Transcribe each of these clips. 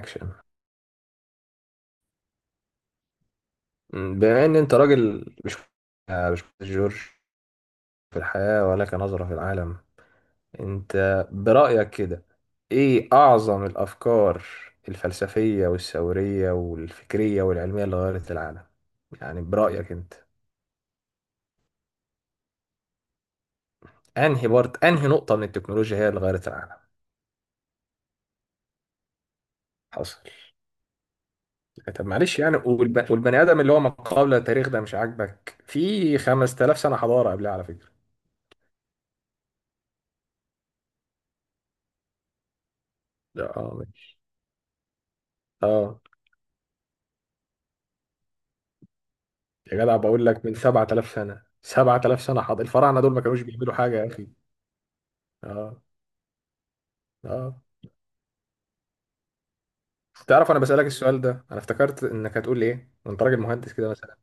اكشن. بما ان انت راجل مش مش جورج في الحياة ولك نظرة في العالم، انت برأيك كده ايه اعظم الافكار الفلسفية والثورية والفكرية والعلمية اللي غيرت العالم، يعني برأيك انت انهي بارت انهي نقطة من التكنولوجيا هي اللي غيرت العالم؟ حصل. يعني طب معلش يعني والبني ادم اللي هو ما قبل التاريخ ده مش عاجبك؟ في 5000 سنة حضارة قبلها على فكرة. لا، اه ماشي. اه. يا جدع بقول لك من 7000 سنة، 7000 سنة، حاضر الفراعنة دول ما كانوش بيعملوا حاجة يا أخي؟ اه. اه. تعرف أنا بسألك السؤال ده أنا افتكرت إنك هتقول لي إيه وأنت راجل مهندس كده مثلا،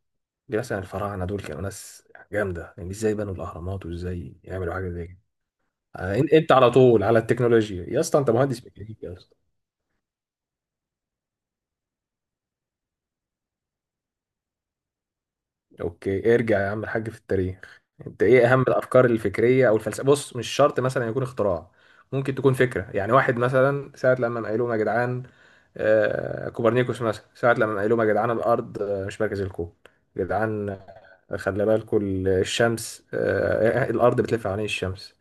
ليه مثلا الفراعنة دول كانوا ناس جامدة، يعني إزاي بنوا الأهرامات وإزاي يعملوا حاجة زي كده. أنت على طول على التكنولوجيا يا اسطى، أنت مهندس ميكانيكا يا اسطى. أوكي ارجع يا عم الحاج في التاريخ. أنت إيه أهم الأفكار الفكرية أو الفلسفة؟ بص مش شرط مثلا يكون اختراع، ممكن تكون فكرة. يعني واحد مثلا ساعة لما قالوا لهم يا جدعان، كوبرنيكوس مثلا ساعة لما قال لهم يا جدعان الأرض مش مركز الكون يا جدعان، خلي بالكم الشمس، الأرض بتلف حوالين الشمس.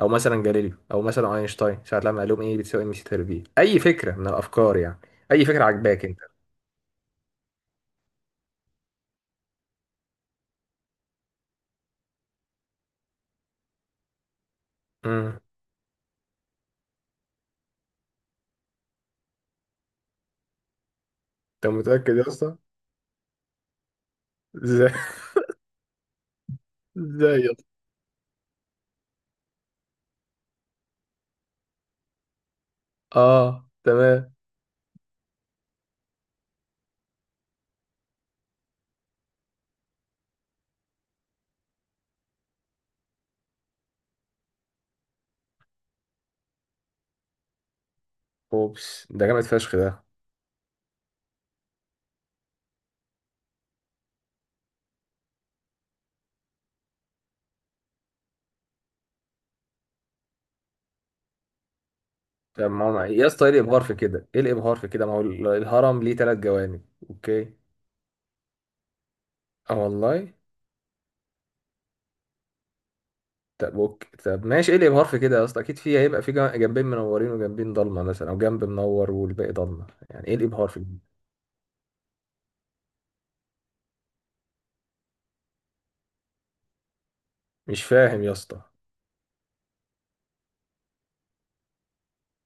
أو مثلا جاليليو أو مثلا أينشتاين ساعة لما قال لهم إيه بتساوي إم سي تر بي، أي فكرة من الأفكار يعني، أي فكرة عجباك أنت. مم. أنت متأكد يا اسطى؟ إزاي؟ إزاي يا اسطى؟ آه تمام. أوبس ده جامد فشخ ده. طب ما هو يا اسطى إيه الإبهار في كده؟ إيه الإبهار في كده؟ ما هو الهرم ليه تلات جوانب؟ أوكي؟ اه والله. طب اوكي طب ماشي، ايه الابهار في كده يا اسطى؟ اكيد في هيبقى في جنبين منورين وجنبين ضلمه، مثلا او جنب منور والباقي ضلمه، يعني ايه الابهار في الجنب؟ مش فاهم يا اسطى.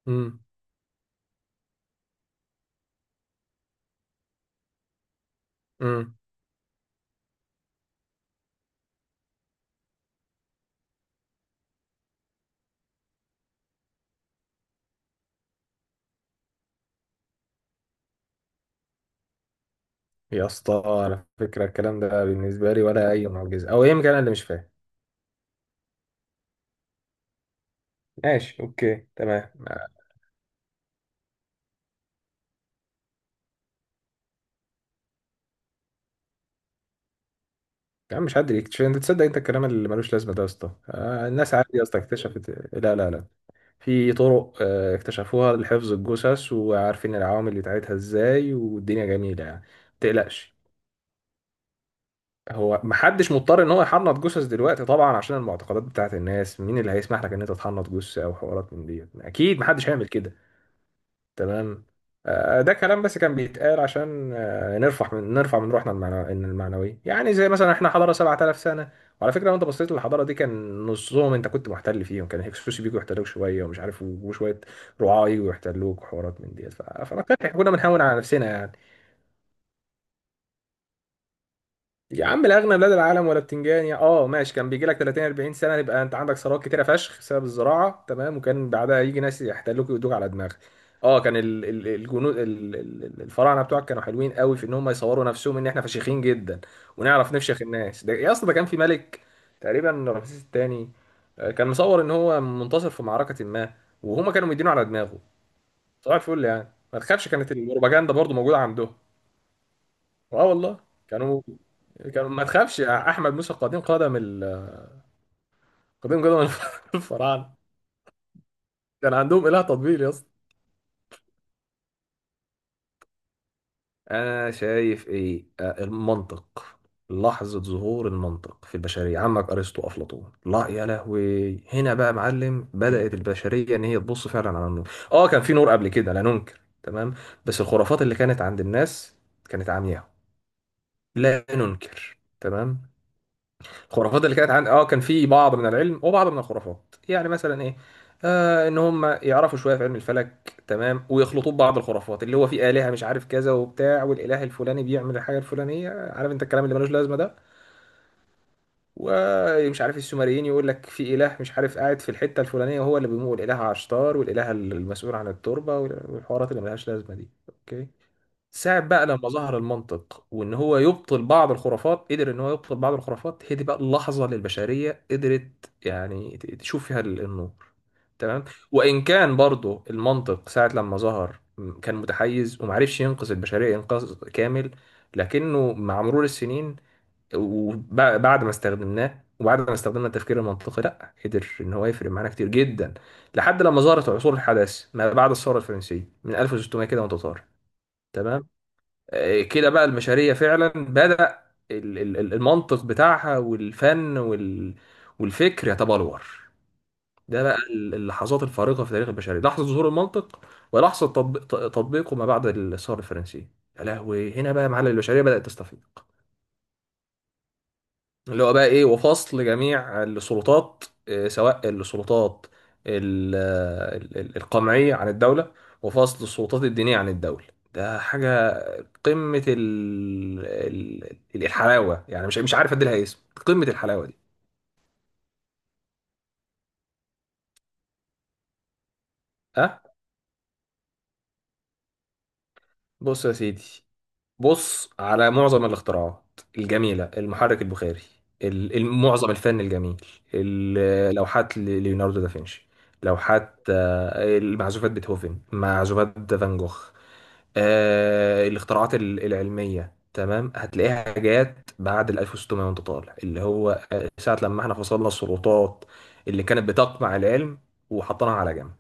امم. امم. يا اسطى على فكره الكلام ده بالنسبه لي ولا اي معجزه، او يمكن انا اللي مش فاهم. ماشي اوكي تمام. يا عم مش حد يكتشف، انت تصدق انت الكلام اللي ملوش لازمه ده يا اسطى؟ الناس عادي يا اسطى اكتشفت، لا لا لا، في طرق اكتشفوها لحفظ الجثث وعارفين العوامل بتاعتها ازاي والدنيا جميله، يعني ما تقلقش. هو محدش مضطر ان هو يحنط جثث دلوقتي طبعا عشان المعتقدات بتاعت الناس، مين اللي هيسمح لك ان انت تحنط جثة او حوارات من دي؟ اكيد محدش هيعمل كده. تمام. ده كلام بس كان بيتقال عشان نرفع من روحنا المعنو- إن المعنوية، يعني زي مثلا احنا حضارة 7000 سنة، وعلى فكرة لو انت بصيت للحضارة دي كان نصهم انت كنت محتل فيهم، كان هكسوس بيجوا يحتلوك شوية ومش عارف، وشوية رعاة يجوا يحتلوك وحوارات من دي، كنا بنهون على نفسنا يعني. يا عم الاغنى بلاد العالم ولا بتنجان يا، اه ماشي، كان بيجي لك 30 40 سنه يبقى انت عندك ثروات كتيره فشخ بسبب الزراعه، تمام، وكان بعدها يجي ناس يحتلوك ويدوك على دماغك. اه، كان الجنود الفراعنه بتوعك كانوا حلوين قوي في ان هم يصوروا نفسهم ان احنا فشيخين جدا ونعرف نفشخ الناس. ده يا اسطى ده كان في ملك تقريبا رمسيس الثاني كان مصور ان هو منتصر في معركه ما وهما كانوا مدينه على دماغه صباح الفل، يعني ما تخافش، كانت البروباجندا برضو موجوده عندهم. اه والله. كانوا كانوا ما تخافش احمد موسى قديم قدم قديم قدم الفراعنه. كان عندهم اله تطبيل يا اسطى. انا شايف ايه؟ المنطق، لحظة ظهور المنطق في البشرية، عمك أرسطو أفلاطون، لا يا لهوي هنا بقى معلم، بدأت البشرية إن هي تبص فعلا على النور. آه كان في نور قبل كده لا ننكر، تمام، بس الخرافات اللي كانت عند الناس كانت عمياء، لا ننكر تمام. الخرافات اللي كانت عن اه كان في بعض من العلم وبعض من الخرافات، يعني مثلا ايه، آه ان هم يعرفوا شويه في علم الفلك تمام ويخلطوا ببعض الخرافات اللي هو في الهه مش عارف كذا وبتاع، والاله الفلاني بيعمل الحاجه الفلانيه، عارف انت الكلام اللي ملوش لازمه ده، ومش عارف السومريين يقول لك في اله مش عارف قاعد في الحته الفلانيه وهو اللي بيمول، الاله عشتار والاله المسؤول عن التربه والحوارات اللي ملهاش لازمه دي اوكي. ساعة بقى لما ظهر المنطق وان هو يبطل بعض الخرافات، قدر ان هو يبطل بعض الخرافات، هي دي بقى اللحظة اللي البشرية قدرت يعني تشوف فيها النور. تمام. وان كان برضو المنطق ساعة لما ظهر كان متحيز ومعرفش ينقذ البشرية انقاذ كامل، لكنه مع مرور السنين وبعد ما استخدمناه وبعد ما استخدمنا التفكير المنطقي، لا قدر ان هو يفرق معانا كتير جدا، لحد لما ظهرت عصور الحداثة ما بعد الثورة الفرنسية من 1600 كده وانت طالع. تمام. كده بقى المشاريع فعلا بدأ المنطق بتاعها والفن والفكر يتبلور. ده بقى اللحظات الفارقة في تاريخ البشرية، لحظة ظهور المنطق ولحظة تطبيقه ما بعد الثورة الفرنسية، يا لهوي هنا بقى معلم البشرية بدأت تستفيق. اللي هو بقى ايه؟ وفصل جميع السلطات سواء السلطات القمعية عن الدولة، وفصل السلطات الدينية عن الدولة، ده حاجة قمة الحلاوة، يعني مش مش عارف ادي لها اسم، قمة الحلاوة دي. ها. بص يا سيدي، بص على معظم الاختراعات الجميلة، المحرك البخاري، معظم الفن الجميل، لوحات ليوناردو دافنشي، لوحات، المعزوفات، بيتهوفن، معزوفات فان جوخ، آه الاختراعات العلمية، تمام، هتلاقيها جات بعد ال 1600 وانت طالع، اللي هو ساعة لما احنا فصلنا السلطات اللي كانت بتقمع العلم وحطيناها على جنب.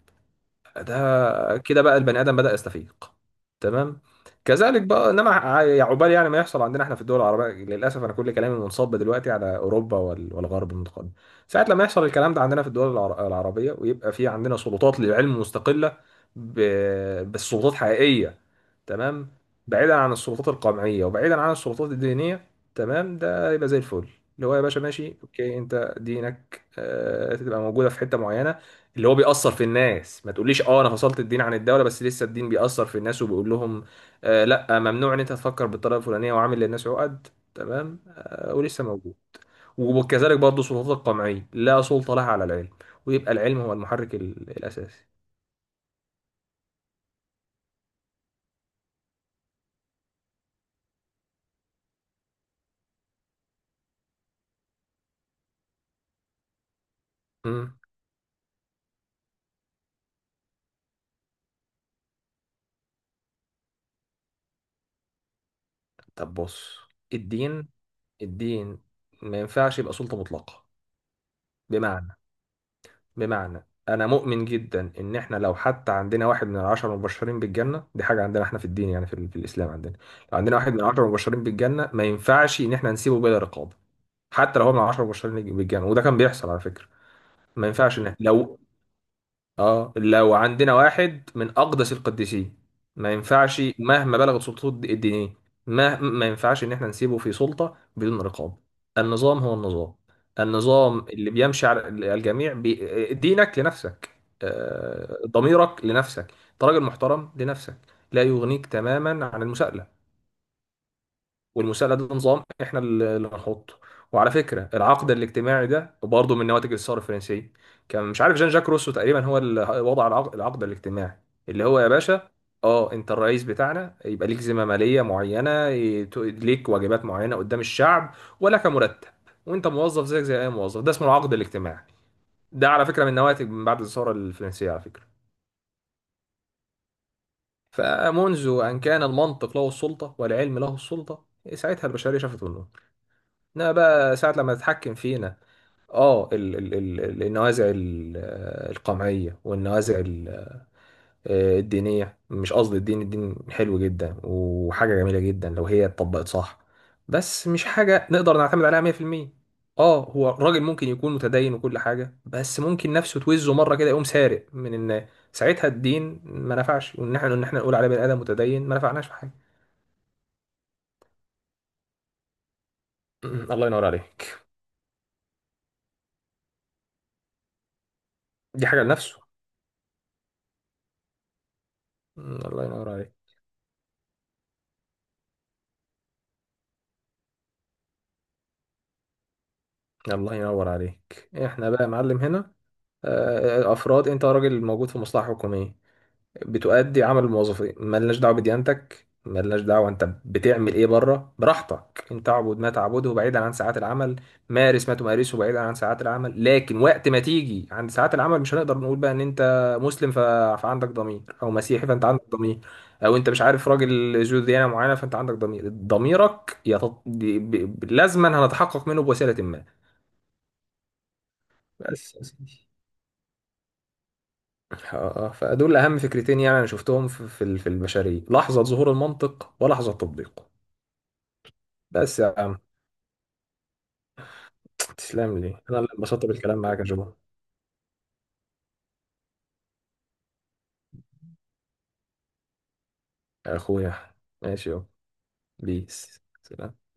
ده كده بقى البني ادم بدأ يستفيق، تمام. كذلك بقى انما يا عقبال يعني ما يحصل عندنا احنا في الدول العربيه للاسف، انا كل كلامي منصب دلوقتي على اوروبا والغرب المتقدم. ساعه لما يحصل الكلام ده عندنا في الدول العربيه، ويبقى في عندنا سلطات للعلم مستقله، بس سلطات حقيقيه، تمام، بعيدا عن السلطات القمعيه وبعيدا عن السلطات الدينيه، تمام، ده يبقى زي الفل. اللي هو يا باشا ماشي اوكي، انت دينك تبقى موجوده في حته معينه اللي هو بيأثر في الناس، ما تقوليش اه انا فصلت الدين عن الدولة بس لسه الدين بيأثر في الناس وبيقول لهم آه لا ممنوع ان انت تفكر بالطريقة الفلانية وعامل للناس عقد، تمام، آه ولسه موجود. وكذلك برضه سلطات القمعية لا سلطة لها على العلم، ويبقى العلم هو المحرك الأساسي. مم. طب بص، الدين، الدين ما ينفعش يبقى سلطة مطلقة. بمعنى بمعنى انا مؤمن جدا ان احنا لو حتى عندنا واحد من العشرة مبشرين بالجنة، دي حاجة عندنا احنا في الدين، يعني في، في الاسلام عندنا لو عندنا واحد من العشرة مبشرين بالجنة ما ينفعش ان احنا نسيبه بلا رقابة، حتى لو هو من العشرة مبشرين بالجنة، وده كان بيحصل على فكرة. ما ينفعش ان لو، اه لو عندنا واحد من اقدس القديسين، ما ينفعش مهما بلغت سلطته الدينيه، ما ينفعش ان احنا نسيبه في سلطه بدون رقابه. النظام هو النظام، النظام اللي بيمشي على الجميع، دينك لنفسك، ضميرك لنفسك، انت راجل محترم لنفسك، لا يغنيك تماما عن المساءله. والمساءله ده نظام احنا اللي هنحطه. وعلى فكره العقد الاجتماعي ده برضه من نواتج الثوره الفرنسيه، كان مش عارف جان جاك روسو تقريبا هو اللي وضع العقد الاجتماعي، اللي هو يا باشا اه انت الرئيس بتاعنا يبقى ليك ذمه ماليه معينه ليك واجبات معينه قدام الشعب ولك مرتب، وانت موظف زيك زي اي موظف، ده اسمه العقد الاجتماعي، ده على فكره من نواتج من بعد الثوره الفرنسيه على فكره. فمنذ ان كان المنطق له السلطه والعلم له السلطه، ساعتها البشريه شافت. لا بقى ساعة لما تتحكم فينا اه النوازع القمعية والنوازع الدينية، مش قصدي الدين، الدين حلو جدا وحاجة جميلة جدا لو هي اتطبقت صح، بس مش حاجة نقدر نعتمد عليها 100%. اه هو الراجل ممكن يكون متدين وكل حاجة بس ممكن نفسه توزه مرة كده يقوم سارق من الناس، ساعتها الدين ما نفعش، وان احنا نقول عليه بني آدم متدين ما نفعناش في حاجة. الله ينور عليك. دي حاجة لنفسه. الله ينور عليك. الله ينور عليك. احنا بقى يا معلم هنا افراد، انت راجل موجود في مصلحه حكوميه بتؤدي عمل الموظفين، ملناش دعوه بديانتك، ملناش دعوه انت بتعمل ايه بره، براحتك انت اعبد ما تعبده بعيدا عن ساعات العمل، مارس ما تمارسه بعيدا عن ساعات العمل، لكن وقت ما تيجي عند ساعات العمل مش هنقدر نقول بقى ان انت مسلم فعندك ضمير، او مسيحي فانت عندك ضمير، او انت مش عارف راجل ذو ديانه معينه فانت عندك ضمير. ضميرك لازما هنتحقق منه بوسيله ما. بس يا سيدي، فدول اهم فكرتين يعني انا شفتهم في في البشريه، لحظه ظهور المنطق ولحظه تطبيقه. بس يا عم تسلم لي، انا اللي انبسطت بالكلام معاك يا جو. يا اخويا ماشي يابا. بيس سلام.